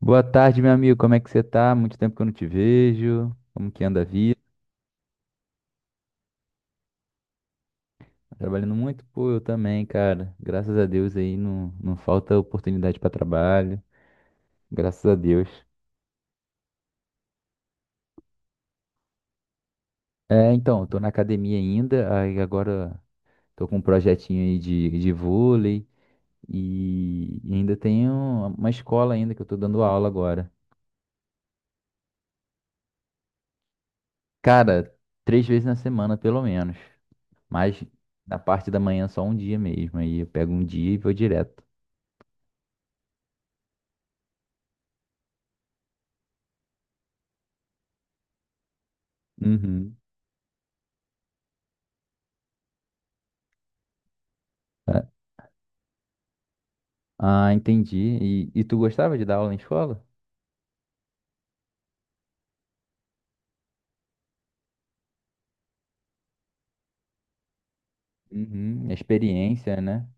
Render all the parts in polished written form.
Boa tarde, meu amigo. Como é que você tá? Muito tempo que eu não te vejo. Como que anda a vida? Trabalhando muito? Pô, eu também, cara. Graças a Deus aí não falta oportunidade para trabalho. Graças a Deus. É, então, eu tô na academia ainda. Aí agora tô com um projetinho aí de vôlei e ainda tenho uma escola ainda que eu tô dando aula agora. Cara, três vezes na semana, pelo menos. Mas na parte da manhã só um dia mesmo. Aí eu pego um dia e vou direto. Uhum. Ah, entendi. E tu gostava de dar aula em escola? Uhum, a experiência, né?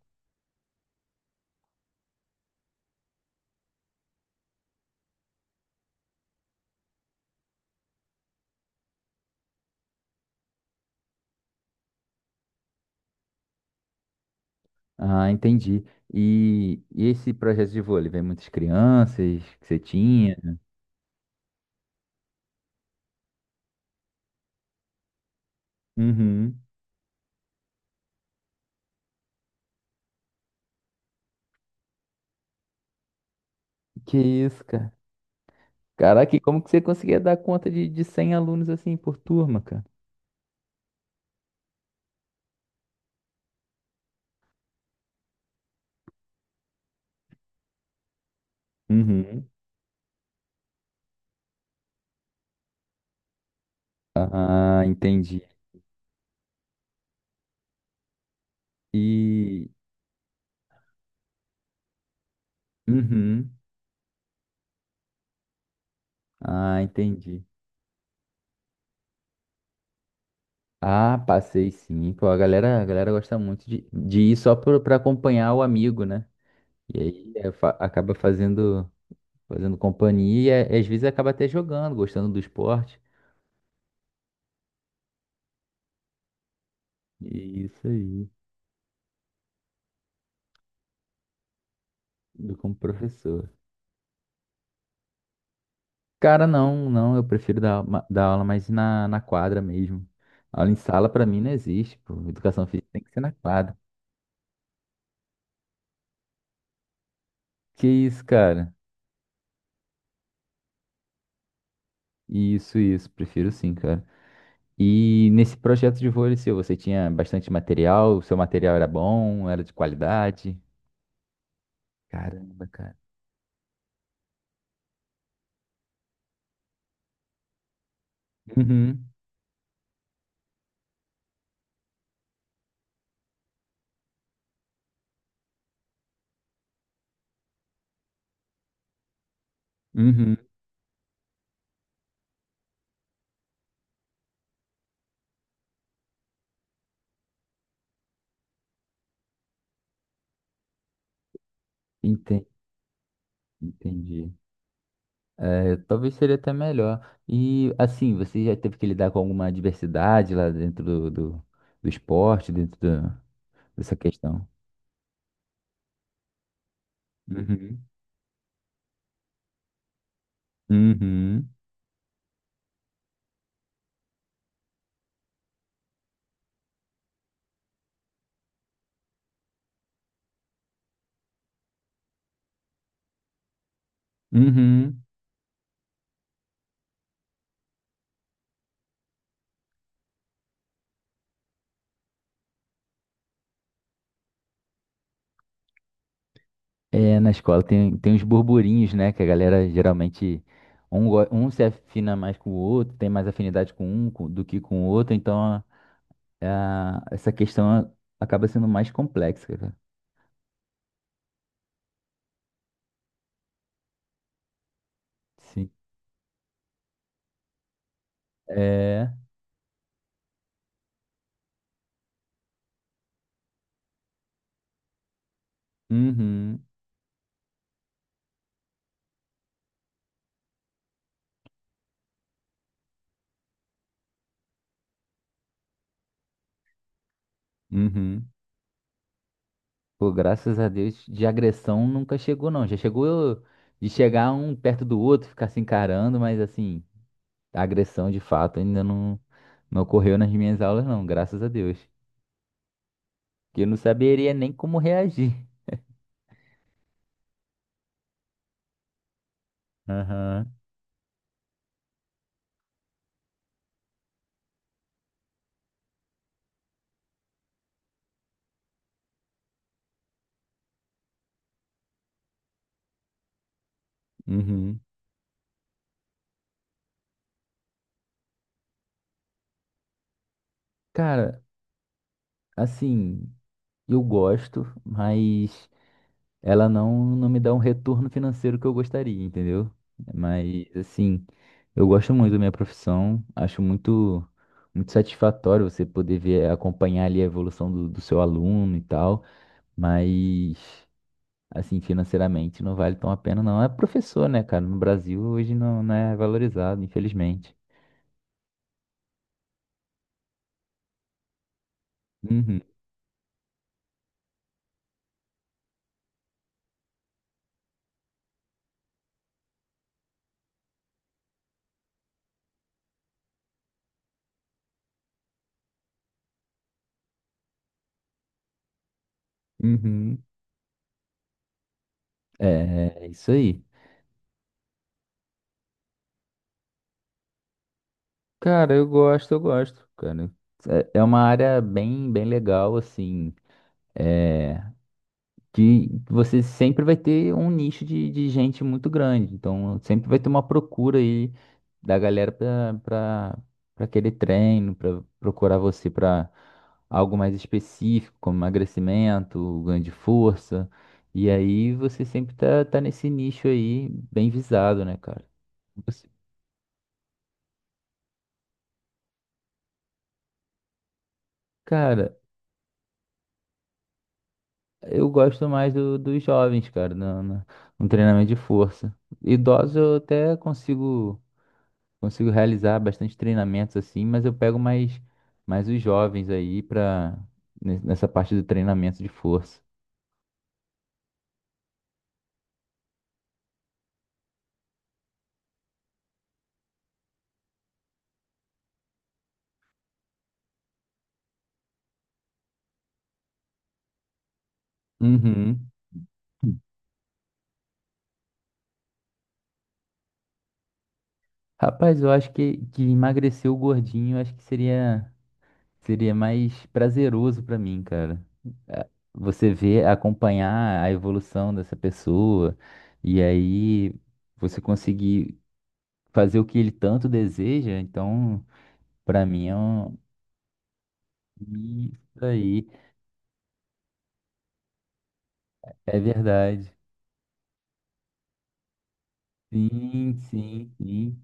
Ah, entendi. E esse projeto de vôlei, vem muitas crianças que você tinha? Uhum. Que isso, cara. Caraca, e como que você conseguia dar conta de 100 alunos assim por turma, cara? Uhum. Ah, entendi. E. Uhum. Ah, entendi. Ah, passei sim. Pô, a galera gosta muito de ir só pra acompanhar o amigo, né? E aí é, acaba fazendo companhia e é, às vezes acaba até jogando, gostando do esporte. E isso aí, eu como professor. Cara, não, eu prefiro dar, dar aula mais na, na quadra mesmo. Aula em sala pra mim não existe, pô. Educação física tem que ser na quadra. Que isso, cara? Isso, prefiro sim, cara. E nesse projeto de vôlei seu, você tinha bastante material? O seu material era bom? Era de qualidade? Caramba, cara. Uhum, uhum. Entendi, entendi. É, talvez seria até melhor. E assim, você já teve que lidar com alguma adversidade lá dentro do esporte, dessa questão? Uhum. Uhum. Uhum. É, na escola tem, tem uns burburinhos, né? Que a galera geralmente. Um se afina mais com o outro, tem mais afinidade com um do que com o outro, essa questão acaba sendo mais complexa, cara. Sim. É. Uhum. Uhum. Pô, graças a Deus, de agressão nunca chegou, não. Já chegou de chegar um perto do outro, ficar se encarando, mas assim, agressão de fato ainda não, não ocorreu nas minhas aulas, não, graças a Deus. Que eu não saberia nem como reagir. Aham. Uhum. Cara, assim, eu gosto, mas ela não me dá um retorno financeiro que eu gostaria, entendeu? Mas, assim, eu gosto muito da minha profissão, acho muito, muito satisfatório você poder ver, acompanhar ali a evolução do seu aluno e tal, mas, assim, financeiramente não vale tão a pena, não. É professor, né, cara? No Brasil hoje não é valorizado, infelizmente. Uhum, uhum. É, é isso aí. Cara, eu gosto, cara. É é uma área bem, bem legal, assim. É, que você sempre vai ter um nicho de gente muito grande. Então, sempre vai ter uma procura aí da galera para aquele treino, para procurar você para algo mais específico, como emagrecimento, ganho de força. E aí você sempre tá nesse nicho aí bem visado, né, cara? Você- Cara, eu gosto mais dos jovens, cara, no treinamento de força. Idosos eu até consigo realizar bastante treinamentos assim, mas eu pego mais os jovens aí para nessa parte do treinamento de força. Uhum. Rapaz, eu acho que emagrecer o gordinho, eu acho seria mais prazeroso pra mim, cara. É, você vê acompanhar a evolução dessa pessoa e aí você conseguir fazer o que ele tanto deseja, então, pra mim é um... Isso aí, é verdade. Sim, sim, sim.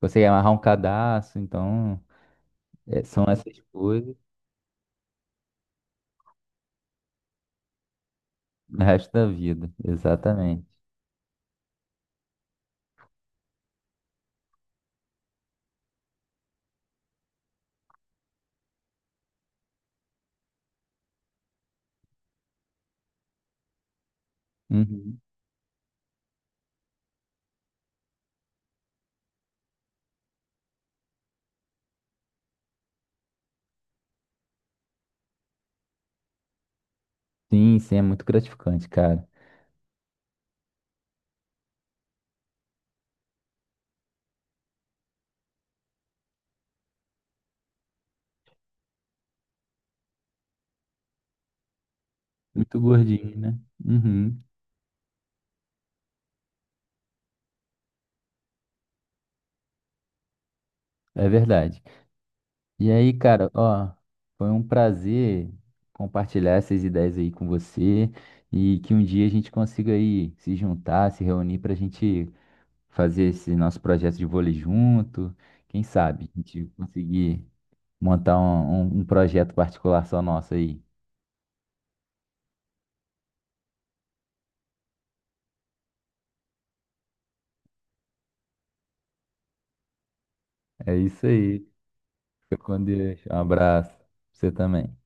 Consegue amarrar um cadastro, então é, são essas coisas no resto da vida, exatamente. Uhum. Sim, sim, é muito gratificante, cara. Muito gordinho, né? Uhum, é verdade. E aí, cara, ó, foi um prazer compartilhar essas ideias aí com você e que um dia a gente consiga aí se juntar, se reunir para a gente fazer esse nosso projeto de vôlei junto. Quem sabe a gente conseguir montar um, um projeto com articulação nossa aí. É isso aí. Fica com Deus. Um abraço. Você também.